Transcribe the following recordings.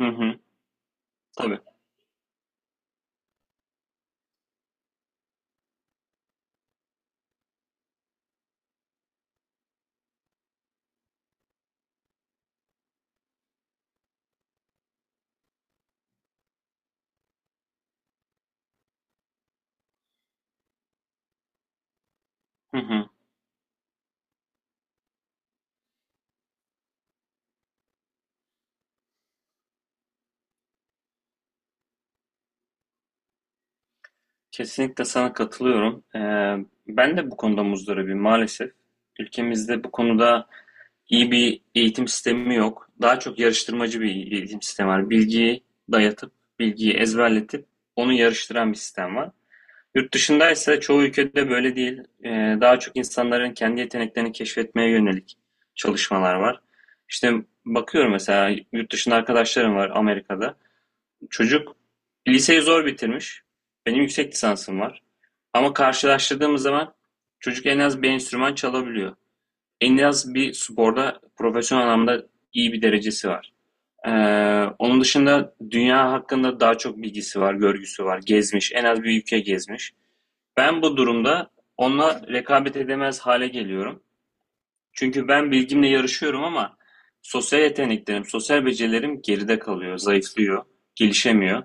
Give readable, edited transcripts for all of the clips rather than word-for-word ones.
Hı hı, tabii. Hı hı. Kesinlikle sana katılıyorum. Ben de bu konuda muzdaribim maalesef. Ülkemizde bu konuda iyi bir eğitim sistemi yok. Daha çok yarıştırmacı bir eğitim sistemi var. Bilgiyi dayatıp, bilgiyi ezberletip onu yarıştıran bir sistem var. Yurt dışında ise çoğu ülkede böyle değil. Daha çok insanların kendi yeteneklerini keşfetmeye yönelik çalışmalar var. İşte bakıyorum mesela yurt dışında arkadaşlarım var Amerika'da. Çocuk liseyi zor bitirmiş. Benim yüksek lisansım var. Ama karşılaştırdığımız zaman çocuk en az bir enstrüman çalabiliyor. En az bir sporda profesyonel anlamda iyi bir derecesi var. Ee, Onun dışında dünya hakkında daha çok bilgisi var, görgüsü var. Gezmiş, en az bir ülke gezmiş. Ben bu durumda onunla rekabet edemez hale geliyorum. Çünkü ben bilgimle yarışıyorum ama sosyal yeteneklerim, sosyal becerilerim geride kalıyor, zayıflıyor, gelişemiyor.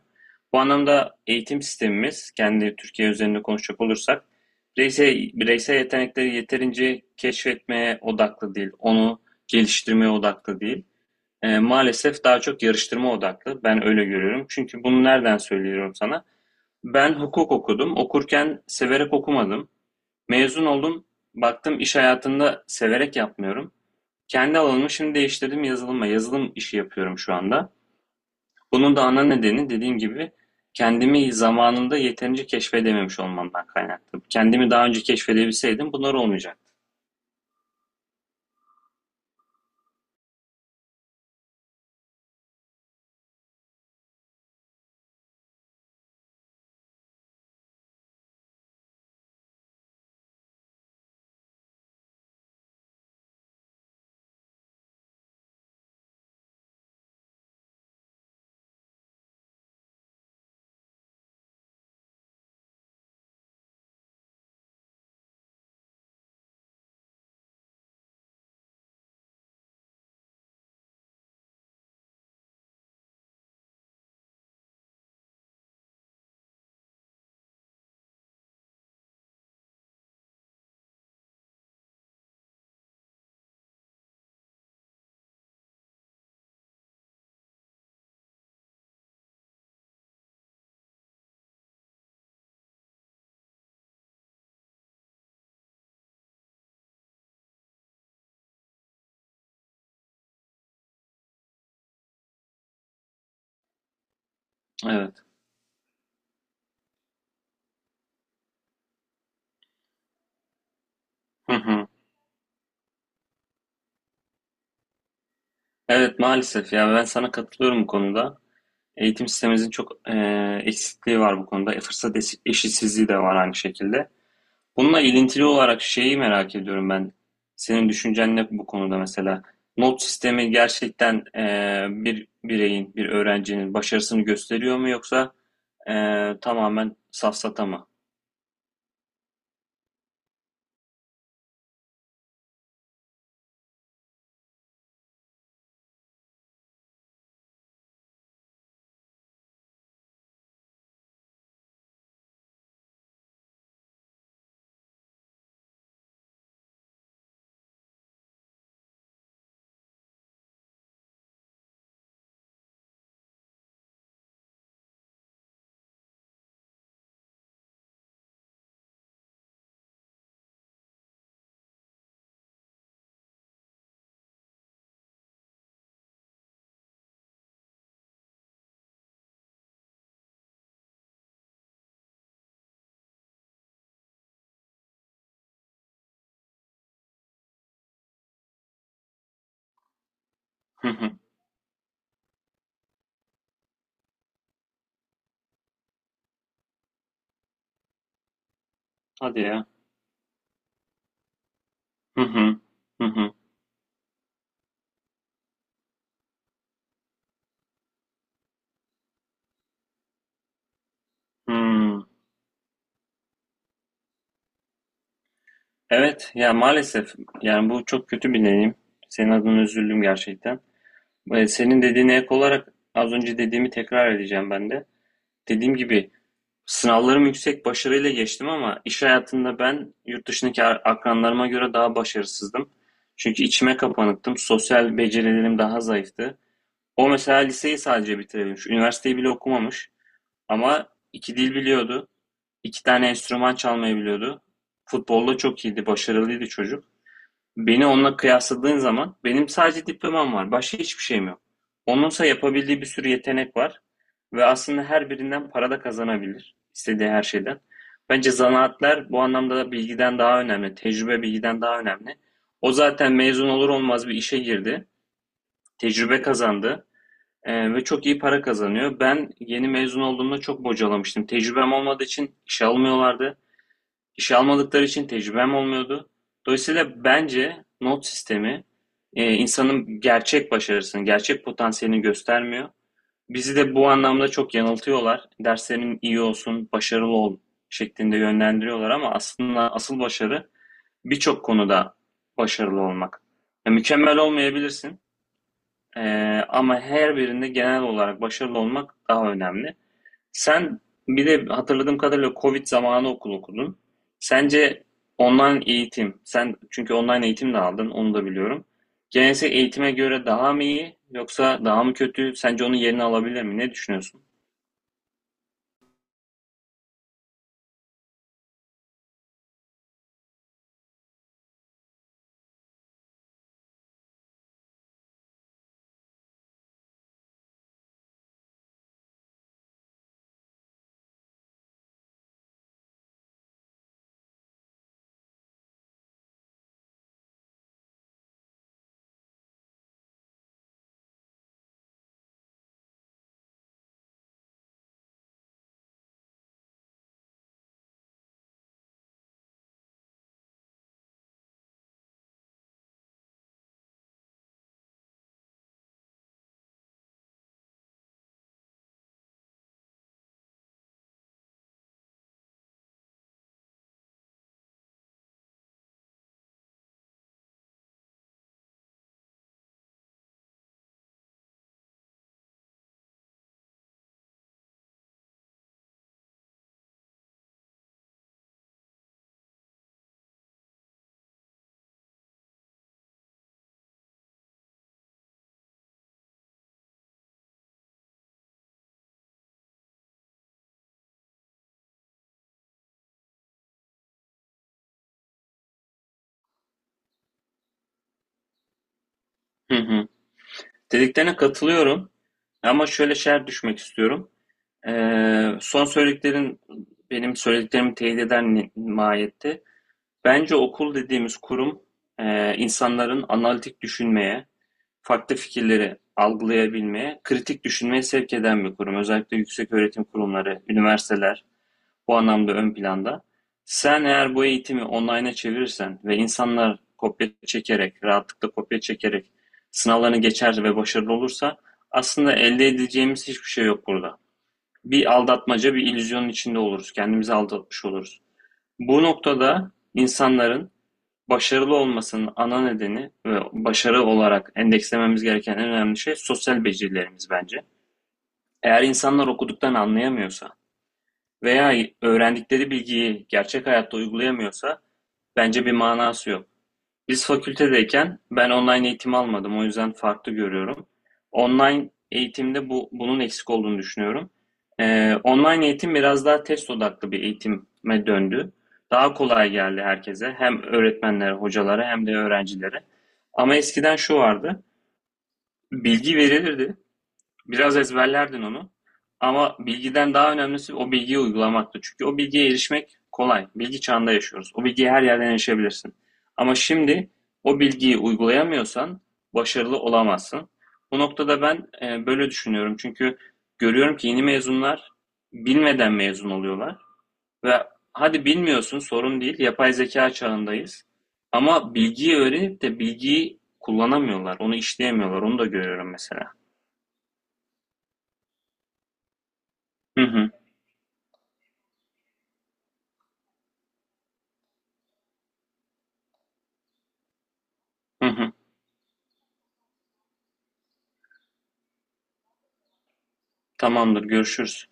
Bu anlamda eğitim sistemimiz, kendi Türkiye üzerinde konuşacak olursak, bireysel yetenekleri yeterince keşfetmeye odaklı değil, onu geliştirmeye odaklı değil. Maalesef daha çok yarıştırma odaklı. Ben öyle görüyorum. Çünkü bunu nereden söylüyorum sana? Ben hukuk okudum. Okurken severek okumadım. Mezun oldum. Baktım iş hayatında severek yapmıyorum. Kendi alanımı şimdi değiştirdim yazılıma. Yazılım işi yapıyorum şu anda. Bunun da ana nedeni dediğim gibi kendimi zamanında yeterince keşfedememiş olmamdan kaynaklı. Kendimi daha önce keşfedebilseydim bunlar olmayacaktı. Evet. Hı hı. Evet maalesef ya, ben sana katılıyorum bu konuda. Eğitim sistemimizin çok eksikliği var bu konuda. Fırsat eşitsizliği de var aynı şekilde. Bununla ilintili olarak şeyi merak ediyorum ben. Senin düşüncen ne bu konuda mesela? Not sistemi gerçekten bir bireyin, bir öğrencinin başarısını gösteriyor mu, yoksa tamamen safsata mı? Hı hı. Hadi ya. Hı hı. Hı hı. Hmm. Evet ya, maalesef yani bu çok kötü bir deneyim. Senin adına üzüldüm gerçekten. Ve senin dediğine ek olarak az önce dediğimi tekrar edeceğim ben de. Dediğim gibi sınavlarım yüksek başarıyla geçtim ama iş hayatında ben yurt dışındaki akranlarıma göre daha başarısızdım. Çünkü içime kapanıktım. Sosyal becerilerim daha zayıftı. O mesela liseyi sadece bitirebilmiş. Üniversiteyi bile okumamış. Ama iki dil biliyordu. İki tane enstrüman çalmayı biliyordu. Futbolda çok iyiydi, başarılıydı çocuk. Beni onunla kıyasladığın zaman benim sadece diplomam var. Başka hiçbir şeyim yok. Onunsa yapabildiği bir sürü yetenek var ve aslında her birinden para da kazanabilir. İstediği her şeyden. Bence zanaatler bu anlamda da bilgiden daha önemli. Tecrübe bilgiden daha önemli. O zaten mezun olur olmaz bir işe girdi. Tecrübe kazandı. Ve çok iyi para kazanıyor. Ben yeni mezun olduğumda çok bocalamıştım. Tecrübem olmadığı için işe almıyorlardı. İşe almadıkları için tecrübem olmuyordu. Dolayısıyla bence not sistemi insanın gerçek başarısını, gerçek potansiyelini göstermiyor. Bizi de bu anlamda çok yanıltıyorlar. Derslerin iyi olsun, başarılı ol şeklinde yönlendiriyorlar ama aslında asıl başarı birçok konuda başarılı olmak. Ya, mükemmel olmayabilirsin, e, ama her birinde genel olarak başarılı olmak daha önemli. Sen bir de hatırladığım kadarıyla Covid zamanı okul okudun. Sence online eğitim, sen çünkü online eğitim de aldın, onu da biliyorum, geleneksel eğitime göre daha mı iyi yoksa daha mı kötü? Sence onun yerini alabilir mi? Ne düşünüyorsun? Hı hı. Dediklerine katılıyorum ama şöyle şer düşmek istiyorum. Son söylediklerin benim söylediklerimi teyit eden mahiyette. Bence okul dediğimiz kurum insanların analitik düşünmeye, farklı fikirleri algılayabilmeye, kritik düşünmeye sevk eden bir kurum. Özellikle yükseköğretim kurumları, üniversiteler bu anlamda ön planda. Sen eğer bu eğitimi online'a çevirirsen ve insanlar kopya çekerek, rahatlıkla kopya çekerek sınavlarını geçer ve başarılı olursa aslında elde edeceğimiz hiçbir şey yok burada. Bir aldatmaca, bir illüzyonun içinde oluruz. Kendimizi aldatmış oluruz. Bu noktada insanların başarılı olmasının ana nedeni ve başarı olarak endekslememiz gereken en önemli şey sosyal becerilerimiz bence. Eğer insanlar okuduktan anlayamıyorsa veya öğrendikleri bilgiyi gerçek hayatta uygulayamıyorsa bence bir manası yok. Biz fakültedeyken ben online eğitim almadım. O yüzden farklı görüyorum. Online eğitimde bu bunun eksik olduğunu düşünüyorum. Online eğitim biraz daha test odaklı bir eğitime döndü. Daha kolay geldi herkese. Hem öğretmenlere, hocalara hem de öğrencilere. Ama eskiden şu vardı. Bilgi verilirdi. Biraz ezberlerdin onu. Ama bilgiden daha önemlisi o bilgiyi uygulamaktı. Çünkü o bilgiye erişmek kolay. Bilgi çağında yaşıyoruz. O bilgiye her yerden erişebilirsin. Ama şimdi o bilgiyi uygulayamıyorsan başarılı olamazsın. Bu noktada ben böyle düşünüyorum. Çünkü görüyorum ki yeni mezunlar bilmeden mezun oluyorlar. Ve hadi bilmiyorsun, sorun değil. Yapay zeka çağındayız. Ama bilgiyi öğrenip de bilgiyi kullanamıyorlar. Onu işleyemiyorlar. Onu da görüyorum mesela. Hı hı. Hı hı. Tamamdır, görüşürüz.